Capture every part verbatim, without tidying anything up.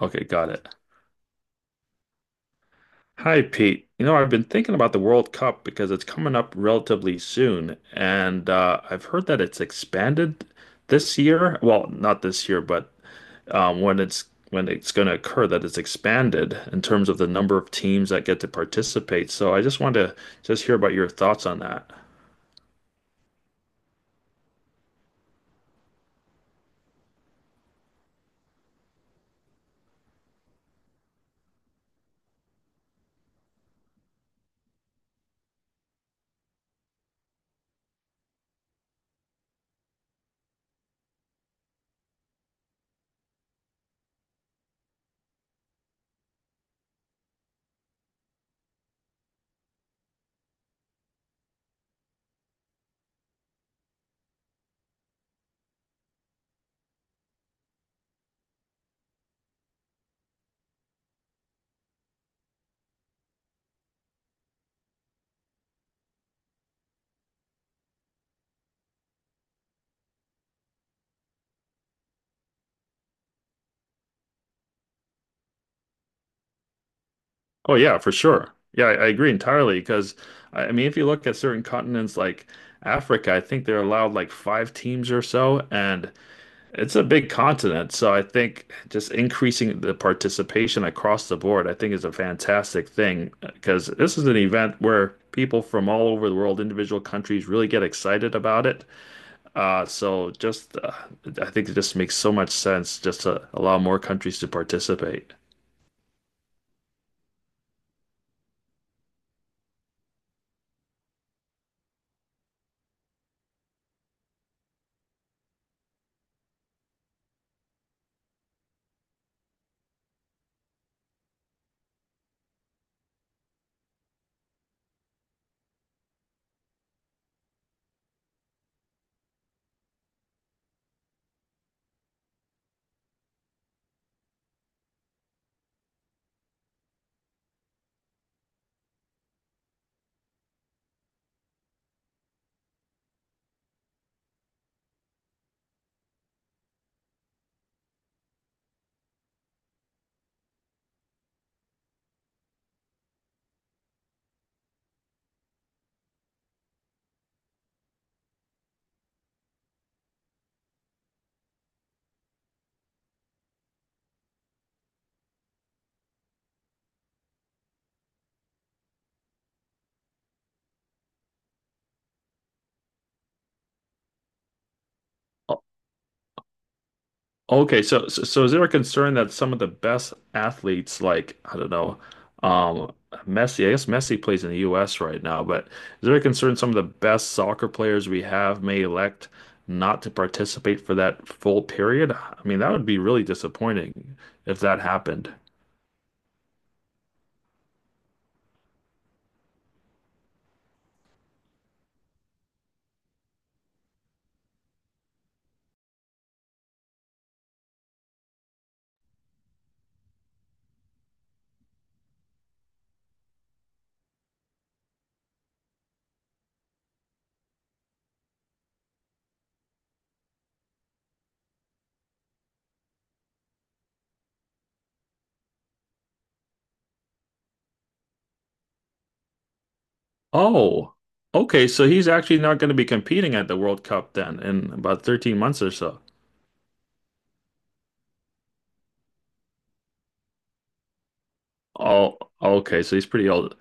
Okay, got it. Hi, Pete. You know, I've been thinking about the World Cup because it's coming up relatively soon, and uh, I've heard that it's expanded this year. Well, not this year, but um, when it's when it's going to occur, that it's expanded in terms of the number of teams that get to participate. So I just wanted to just hear about your thoughts on that. Oh yeah, for sure. Yeah, I, I agree entirely because I I mean, if you look at certain continents like Africa, I think they're allowed like five teams or so, and it's a big continent, so I think just increasing the participation across the board, I think is a fantastic thing because this is an event where people from all over the world, individual countries, really get excited about it. Uh, so just, uh, I think it just makes so much sense just to allow more countries to participate. Okay, so, so so is there a concern that some of the best athletes, like I don't know, um, Messi, I guess Messi plays in the U S right now, but is there a concern some of the best soccer players we have may elect not to participate for that full period? I mean, that would be really disappointing if that happened. Oh, okay, so he's actually not going to be competing at the World Cup then in about thirteen months or so. Oh, okay, so he's pretty old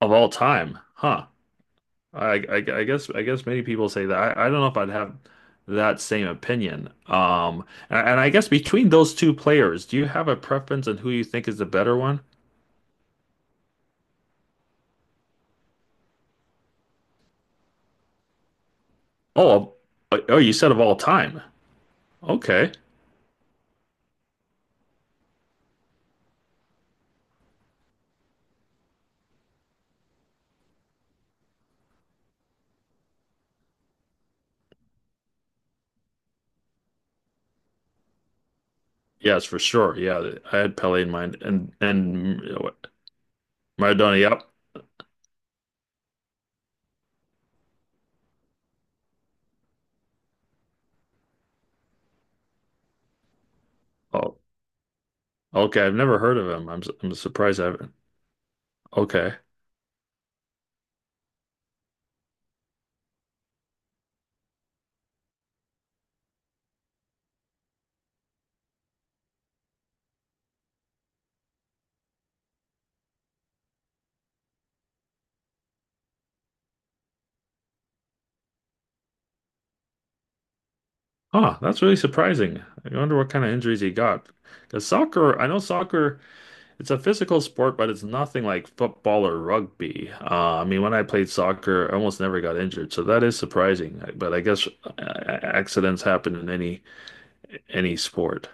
of all time, huh? I, I, I guess I guess many people say that. I, I don't know if I'd have that same opinion. Um, and, and I guess between those two players, do you have a preference on who you think is the better one? Oh, oh, you said of all time. Okay. Yes, for sure. Yeah, I had Pele in mind, and and Maradona. Yep. Oh, okay. I've never heard of him. I'm su- I'm surprised I haven't. Okay. Huh, that's really surprising. I wonder what kind of injuries he got. Because soccer, I know soccer. It's a physical sport, but it's nothing like football or rugby. Uh, I mean, when I played soccer, I almost never got injured, so that is surprising. But I guess uh, accidents happen in any any sport.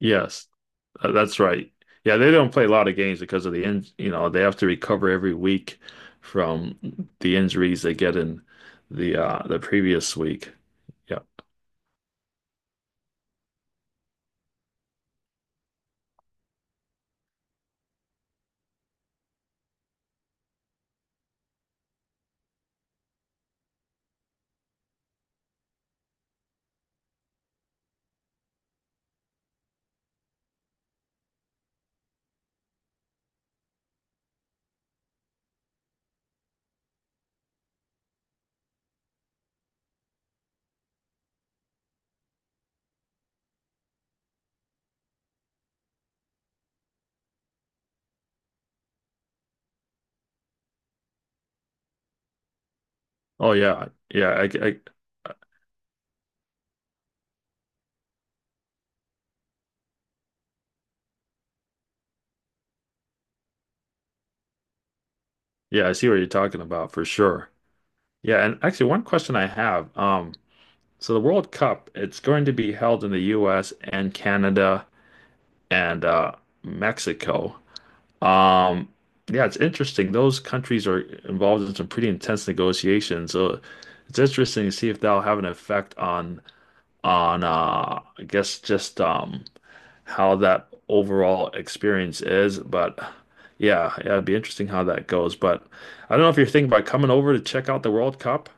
Yes, uh, that's right. Yeah, they don't play a lot of games because of the in, you know, they have to recover every week from the injuries they get in the uh the previous week. Yeah. Oh yeah, yeah, I, I, yeah, I see what you're talking about for sure. Yeah, and actually, one question I have, um, so the World Cup, it's going to be held in the U S and Canada and uh, Mexico. Um, yeah, it's interesting. Those countries are involved in some pretty intense negotiations, so it's interesting to see if that'll have an effect on on uh, I guess just um, how that overall experience is. But yeah, yeah, it'd be interesting how that goes. But I don't know if you're thinking about coming over to check out the World Cup.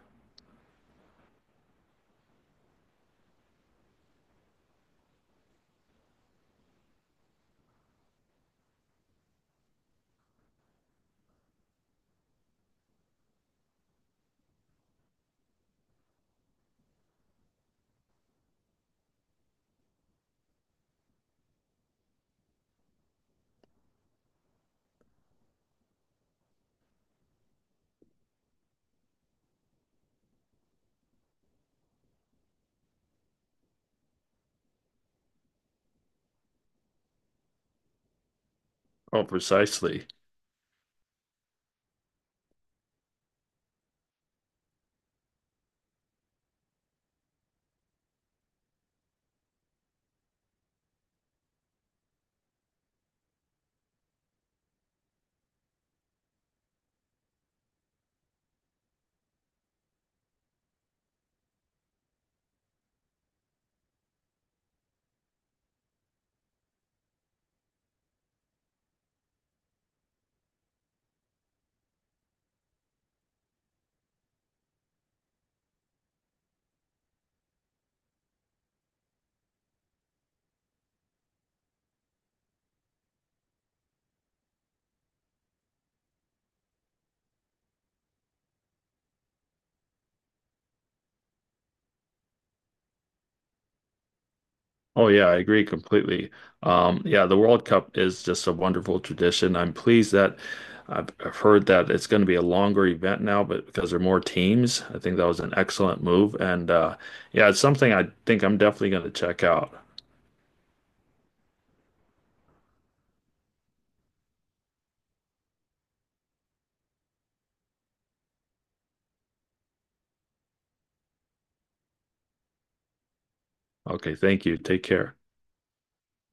Oh, precisely. Oh yeah, I agree completely. Um, yeah, the World Cup is just a wonderful tradition. I'm pleased that I've I've heard that it's going to be a longer event now, but because there are more teams, I think that was an excellent move. And uh, yeah, it's something I think I'm definitely going to check out. Okay, thank you. Take care.